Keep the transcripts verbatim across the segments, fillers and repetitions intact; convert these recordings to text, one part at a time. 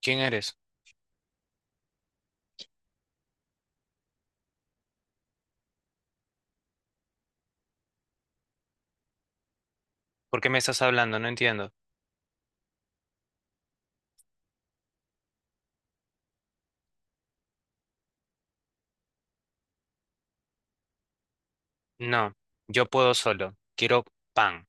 ¿Quién eres? ¿Por qué me estás hablando? No entiendo. No, yo puedo solo. Quiero pan.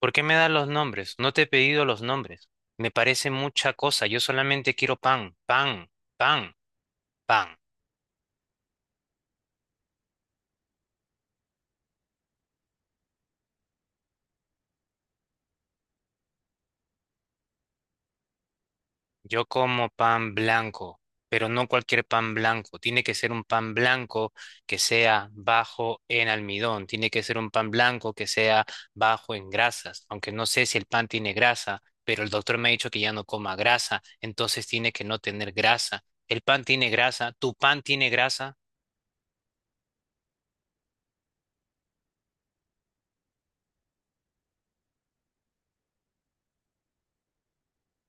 ¿Por qué me das los nombres? No te he pedido los nombres. Me parece mucha cosa. Yo solamente quiero pan, pan, pan, pan. Yo como pan blanco, pero no cualquier pan blanco. Tiene que ser un pan blanco que sea bajo en almidón. Tiene que ser un pan blanco que sea bajo en grasas. Aunque no sé si el pan tiene grasa, pero el doctor me ha dicho que ya no coma grasa, entonces tiene que no tener grasa. El pan tiene grasa, tu pan tiene grasa.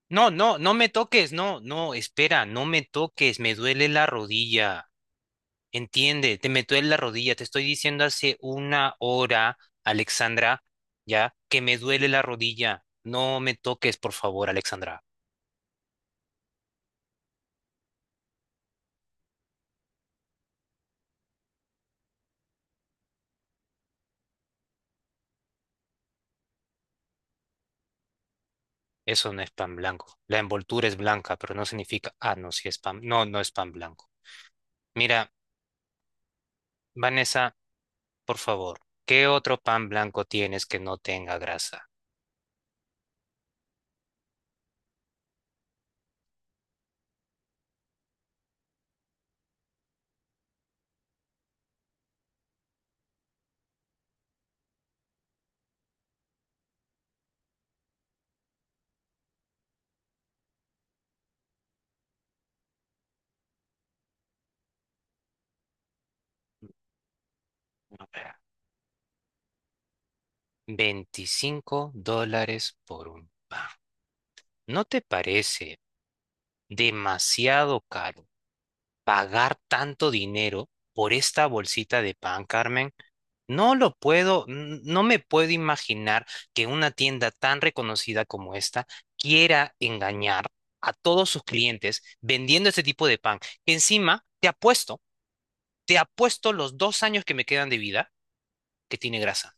No, no, no me toques, no, no, espera, no me toques, me duele la rodilla. Entiende, te meto en la rodilla, te estoy diciendo hace una hora, Alexandra, ya, que me duele la rodilla. No me toques, por favor, Alexandra. Eso no es pan blanco. La envoltura es blanca, pero no significa, ah, no, sí es pan, no, no es pan blanco. Mira, Vanessa, por favor, ¿qué otro pan blanco tienes que no tenga grasa? A ver, veinticinco dólares por un pan. ¿No te parece demasiado caro pagar tanto dinero por esta bolsita de pan, Carmen? No lo puedo, n- no me puedo imaginar que una tienda tan reconocida como esta quiera engañar a todos sus clientes vendiendo este tipo de pan. que encima, te apuesto, te apuesto los dos años que me quedan de vida que tiene grasa.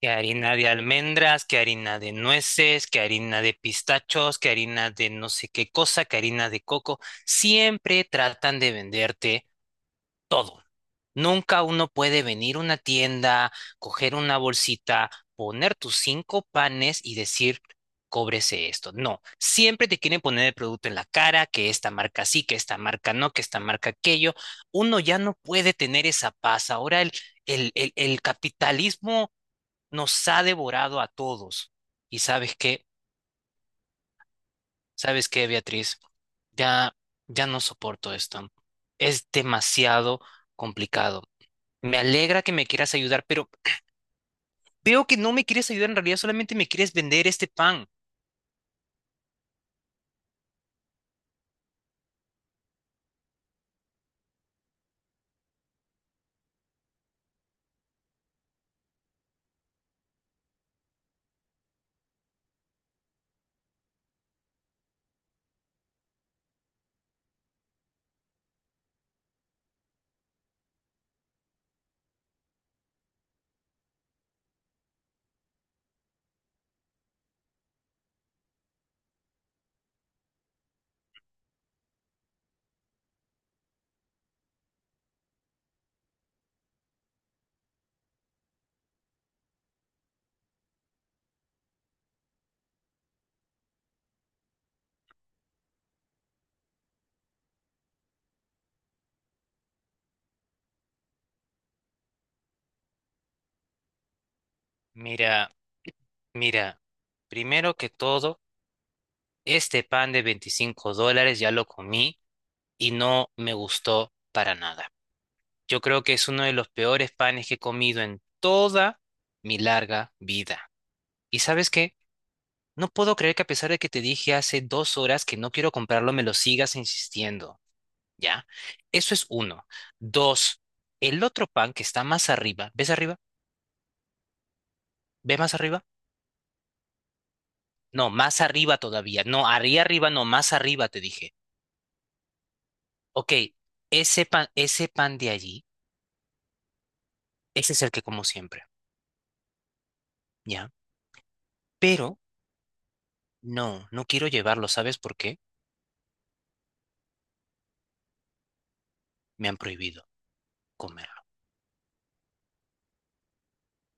Que harina de almendras, que harina de nueces, que harina de pistachos, que harina de no sé qué cosa, que harina de coco. Siempre tratan de venderte todo. Nunca uno puede venir a una tienda, coger una bolsita, poner tus cinco panes y decir, cóbrese esto. No, siempre te quieren poner el producto en la cara, que esta marca sí, que esta marca no, que esta marca aquello. Uno ya no puede tener esa paz. Ahora el, el, el, el capitalismo nos ha devorado a todos. ¿Y sabes qué? ¿Sabes qué, Beatriz? Ya, ya no soporto esto. Es demasiado complicado. Me alegra que me quieras ayudar, pero veo que no me quieres ayudar en realidad, solamente me quieres vender este pan. Mira, mira, primero que todo, este pan de veinticinco dólares ya lo comí y no me gustó para nada. Yo creo que es uno de los peores panes que he comido en toda mi larga vida. ¿Y sabes qué? No puedo creer que a pesar de que te dije hace dos horas que no quiero comprarlo, me lo sigas insistiendo, ¿ya? Eso es uno. Dos, el otro pan que está más arriba, ¿ves arriba? ¿Ves más arriba? No, más arriba todavía. No, arriba arriba, no, más arriba te dije. Ok, ese pan, ese pan de allí, ese es el que como siempre, ¿ya? Pero no, no quiero llevarlo, ¿sabes por qué? Me han prohibido comer.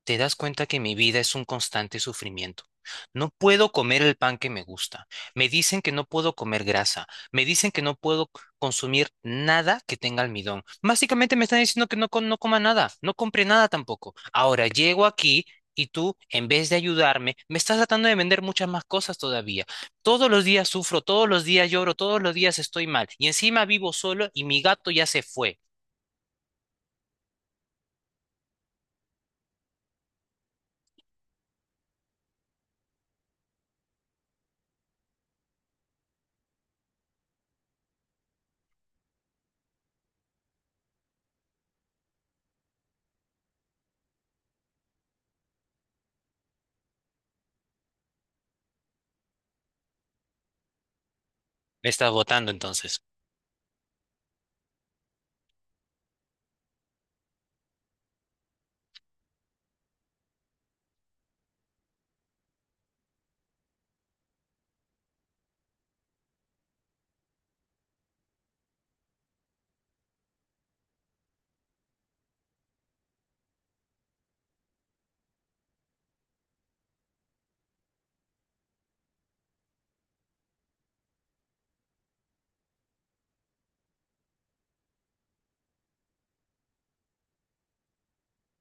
te das cuenta que mi vida es un constante sufrimiento. No puedo comer el pan que me gusta. Me dicen que no puedo comer grasa. Me dicen que no puedo c- consumir nada que tenga almidón. Básicamente me están diciendo que no, co- no coma nada, no compre nada tampoco. Ahora llego aquí y tú, en vez de ayudarme, me estás tratando de vender muchas más cosas todavía. Todos los días sufro, todos los días lloro, todos los días estoy mal. Y encima vivo solo y mi gato ya se fue. Me estás botando entonces.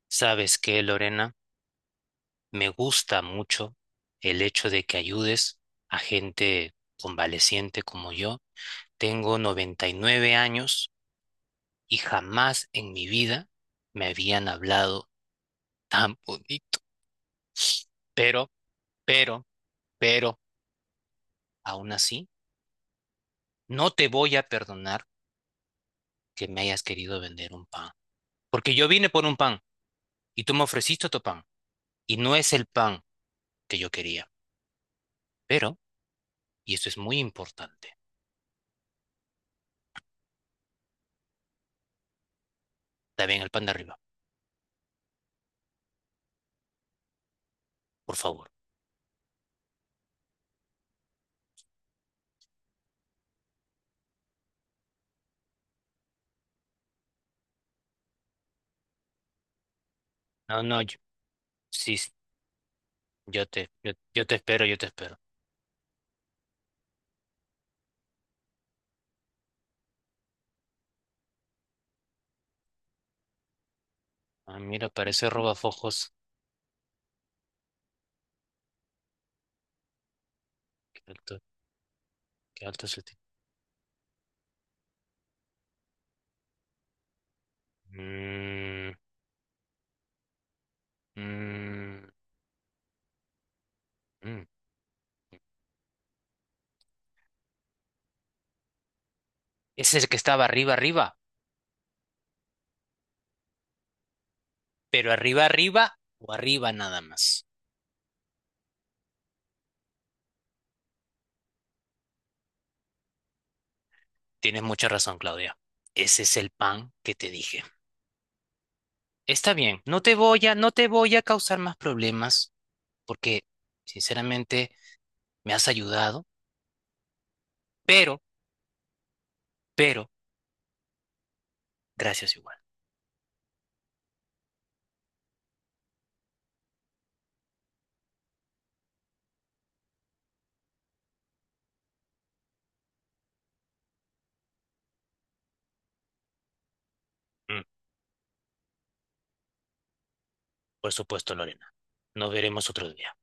¿Sabes qué, Lorena? Me gusta mucho el hecho de que ayudes a gente convaleciente como yo. Tengo noventa y nueve años y jamás en mi vida me habían hablado tan bonito. Pero, pero, pero, aún así, no te voy a perdonar que me hayas querido vender un pan. Porque yo vine por un pan y tú me ofreciste tu pan. Y no es el pan que yo quería. Pero, y esto es muy importante, también el pan de arriba, por favor. No, no, yo- sí. Yo te, yo, yo te espero, yo te espero. Ah, mira, parece robafojos. Qué alto, qué alto es el tipo. Mm, mm, mm. Es el que estaba arriba, arriba, pero arriba, arriba o arriba nada más. Tienes mucha razón, Claudia. Ese es el pan que te dije. Está bien, no te voy a, no te voy a causar más problemas porque, sinceramente, me has ayudado, pero, pero, gracias igual. Mm, por supuesto, Lorena. Nos veremos otro día.